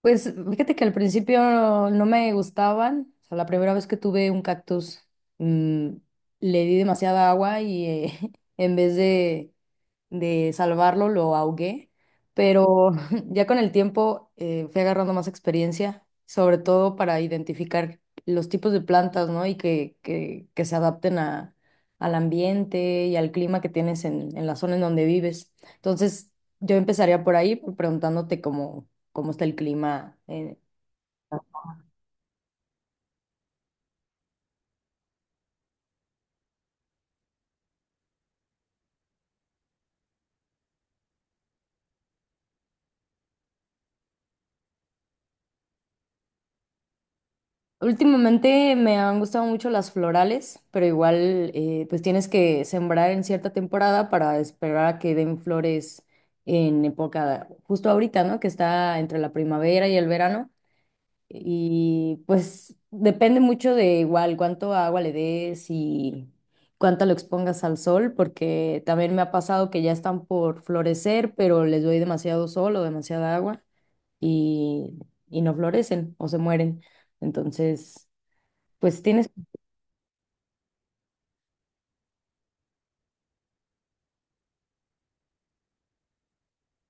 Pues fíjate que al principio no me gustaban. O sea, la primera vez que tuve un cactus, mm, le di demasiada agua y en vez de salvarlo, lo ahogué, pero ya con el tiempo fui agarrando más experiencia, sobre todo para identificar los tipos de plantas, ¿no? Y que se adapten al ambiente y al clima que tienes en la zona en donde vives. Entonces, yo empezaría por ahí, preguntándote cómo está el clima. Últimamente me han gustado mucho las florales, pero igual pues tienes que sembrar en cierta temporada para esperar a que den flores en época, justo ahorita, ¿no? Que está entre la primavera y el verano. Y pues depende mucho de igual cuánto agua le des y cuánto lo expongas al sol, porque también me ha pasado que ya están por florecer, pero les doy demasiado sol o demasiada agua y, y no florecen o se mueren. Entonces. Pues tienes,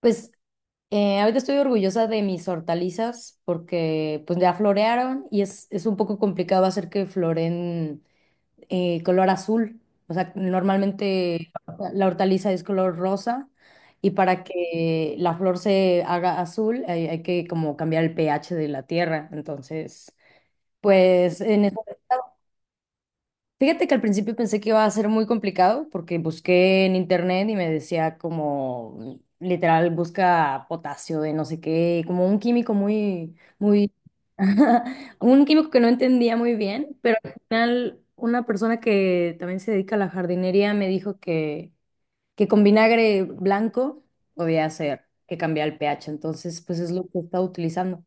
pues, ahorita estoy orgullosa de mis hortalizas porque pues ya florearon y es un poco complicado hacer que floreen color azul. O sea, normalmente la hortaliza es color rosa y para que la flor se haga azul hay que como cambiar el pH de la tierra. Entonces, pues en fíjate que al principio pensé que iba a ser muy complicado porque busqué en internet y me decía como literal busca potasio de no sé qué, como un químico muy, muy, un químico que no entendía muy bien, pero al final una persona que también se dedica a la jardinería me dijo que con vinagre blanco podía hacer que cambiara el pH, entonces pues es lo que estaba utilizando.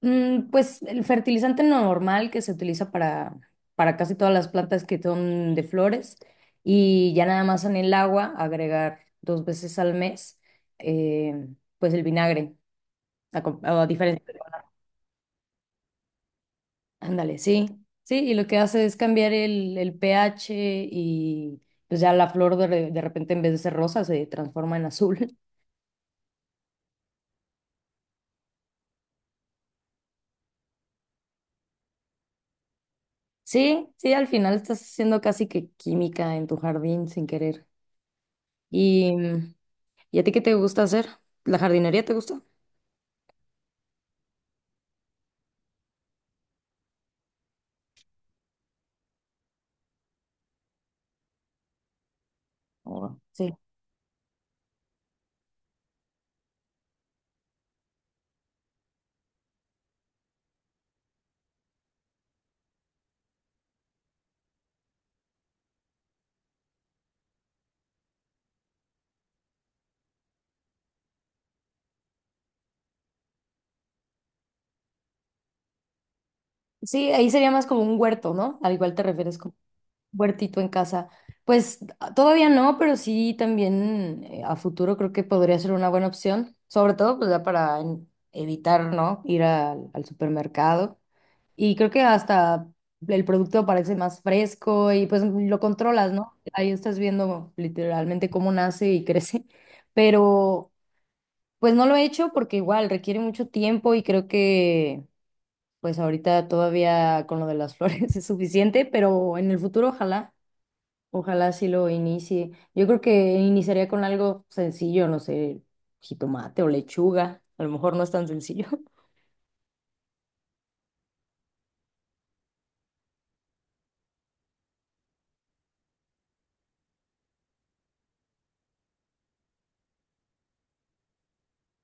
Pues el fertilizante normal que se utiliza para casi todas las plantas que son de flores y ya nada más en el agua agregar dos veces al mes, eh, pues el vinagre a diferencia. Ándale, sí, sí, y lo que hace es cambiar el pH y pues ya la flor de repente en vez de ser rosa se transforma en azul. Sí, sí, al final estás haciendo casi que química en tu jardín sin querer. y mm, ¿Y a ti qué te gusta hacer? ¿La jardinería te gusta? Ahora, sí. Sí, ahí sería más como un huerto, ¿no? Al igual te refieres como un huertito en casa. Pues todavía no, pero sí también a futuro creo que podría ser una buena opción, sobre todo pues ya para evitar, ¿no? Ir al supermercado. Y creo que hasta el producto parece más fresco y pues lo controlas, ¿no? Ahí estás viendo literalmente cómo nace y crece, pero pues no lo he hecho porque igual requiere mucho tiempo y creo que pues ahorita todavía con lo de las flores es suficiente, pero en el futuro ojalá, ojalá sí lo inicie. Yo creo que iniciaría con algo sencillo, no sé, jitomate o lechuga, a lo mejor no es tan sencillo.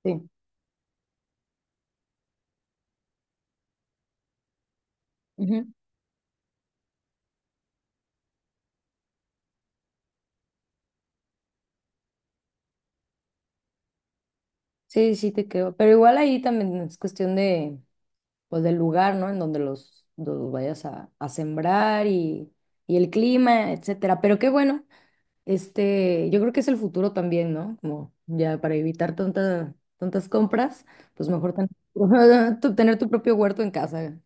Sí. Ujú. Sí, sí te creo, pero igual ahí también es cuestión de pues del lugar, ¿no? En donde los vayas a sembrar y el clima, etcétera. Pero qué bueno. Este, yo creo que es el futuro también, ¿no? Como ya para evitar tantas compras, pues mejor tener tu propio huerto en casa.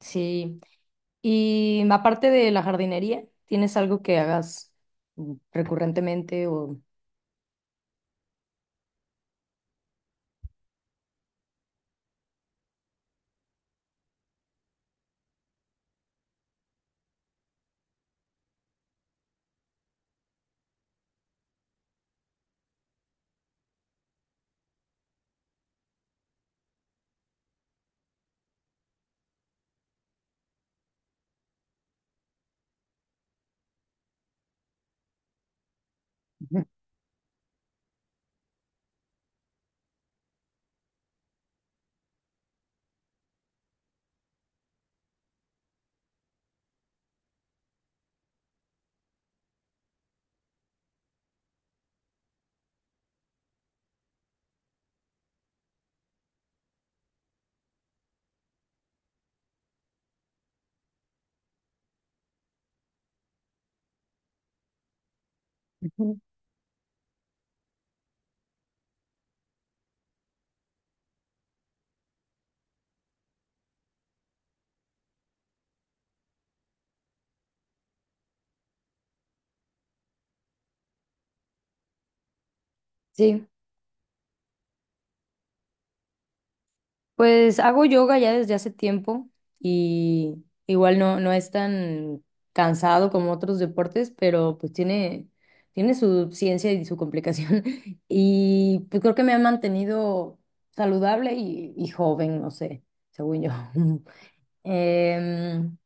Sí. Y aparte de la jardinería, ¿tienes algo que hagas recurrentemente o...? Sí. Pues hago yoga ya desde hace tiempo y igual no es tan cansado como otros deportes, pero pues tiene su ciencia y su complicación. Y pues creo que me ha mantenido saludable y joven, no sé, según yo. Em,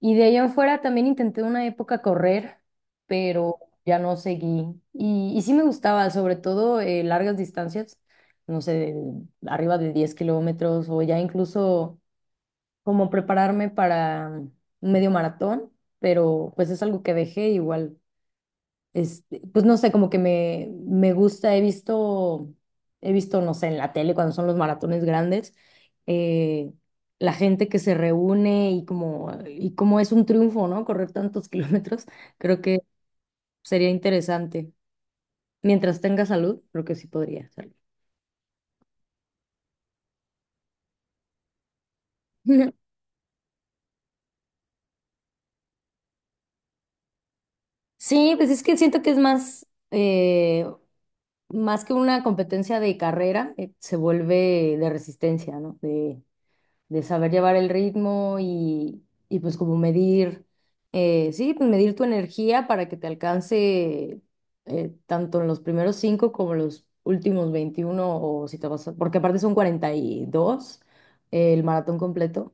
y de allá afuera también intenté una época correr, pero ya no seguí. Y sí me gustaba, sobre todo largas distancias, no sé, arriba de 10 kilómetros o ya incluso como prepararme para un medio maratón, pero pues es algo que dejé igual pues no sé, como que me gusta, he visto, no sé, en la tele cuando son los maratones grandes, eh, la gente que se reúne y como es un triunfo, ¿no? Correr tantos kilómetros, creo que sería interesante. Mientras tenga salud, creo que sí podría hacerlo. Sí, pues es que siento que es eh, más que una competencia de carrera, se vuelve de resistencia, ¿no? De saber llevar el ritmo y pues como medir, sí, pues medir tu energía para que te alcance tanto en los primeros cinco como en los últimos 21, o si te vas porque aparte son 42, el maratón completo,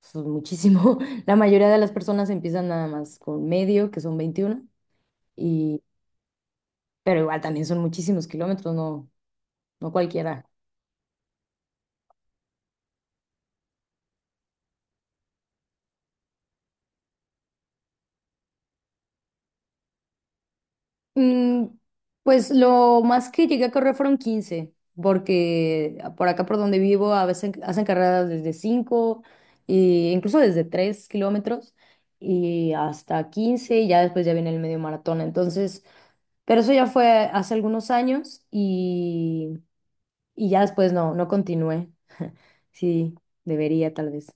son muchísimo. La mayoría de las personas empiezan nada más con medio, que son 21 y, pero igual también son muchísimos kilómetros, no, no cualquiera. Mm, pues lo más que llegué a correr fueron 15 porque por acá por donde vivo a veces hacen carreras desde 5 e incluso desde 3 kilómetros y hasta 15 y ya después ya viene el medio maratón. Entonces, pero eso ya fue hace algunos años y ya después no, no continué. Sí, debería tal vez.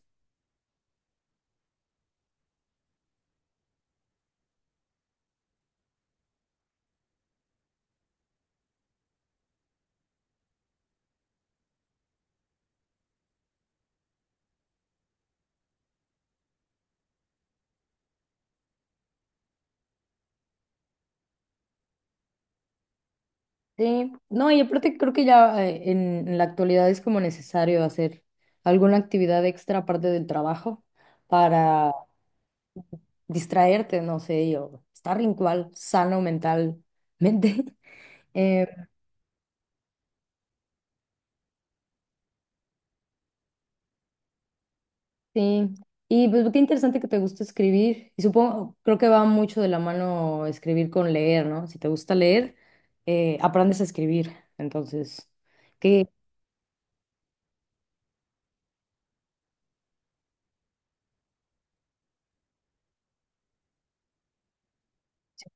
Sí, no, y aparte creo que ya en la actualidad es como necesario hacer alguna actividad extra aparte del trabajo para distraerte, no sé, o estar igual sano mentalmente. Eh, sí, y pues qué interesante que te gusta escribir. Y supongo, creo que va mucho de la mano escribir con leer, ¿no? Si te gusta leer, aprendes a escribir. Entonces, ¿qué? Sí.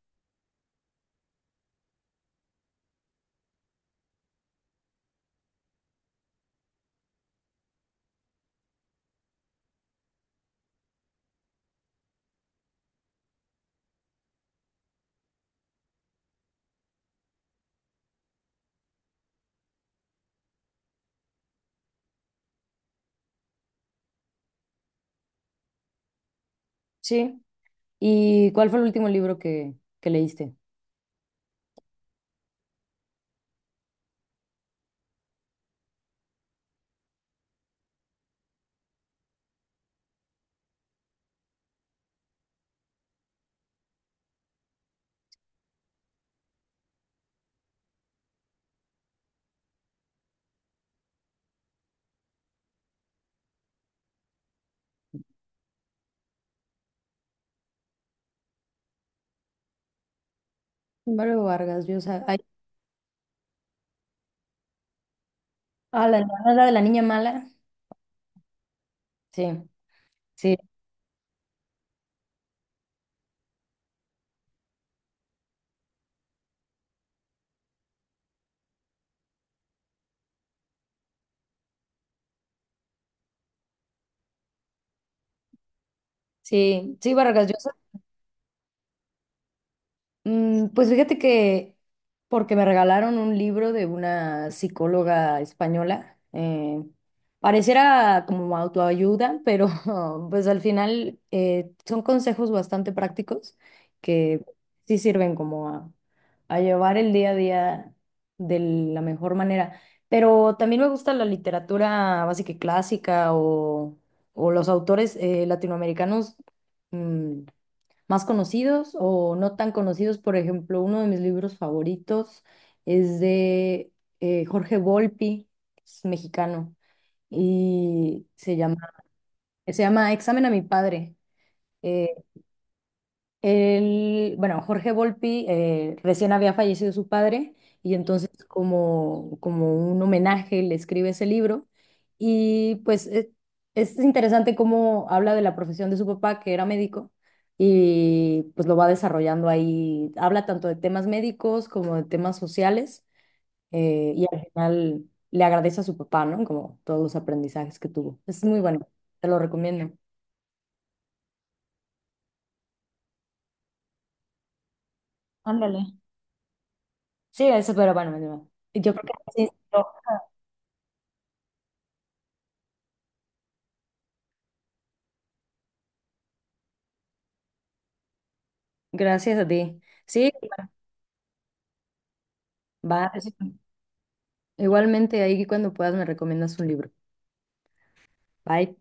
Sí, ¿y cuál fue el último libro que leíste? Álvaro Vargas Llosa. Ay, ah, la hermana, la de la niña mala. Sí, sí, sí, sí, Vargas Llosa. Pues fíjate que porque me regalaron un libro de una psicóloga española, pareciera como autoayuda, pero pues al final son consejos bastante prácticos que sí sirven como a llevar el día a día de la mejor manera. Pero también me gusta la literatura básica y clásica o los autores latinoamericanos. mm, Más conocidos o no tan conocidos. Por ejemplo, uno de mis libros favoritos es de Jorge Volpi, es mexicano, y se llama Examen a mi padre. eh, Él, bueno, Jorge Volpi, recién había fallecido su padre y entonces como un homenaje le escribe ese libro y pues es interesante cómo habla de la profesión de su papá que era médico y pues lo va desarrollando ahí, habla tanto de temas médicos como de temas sociales, y al final le agradece a su papá, ¿no? Como todos los aprendizajes que tuvo. Es muy bueno, te lo recomiendo. Ándale. Sí, eso, pero bueno, yo creo que sí. Gracias a ti. Sí, va. Igualmente ahí cuando puedas me recomiendas un libro. Bye.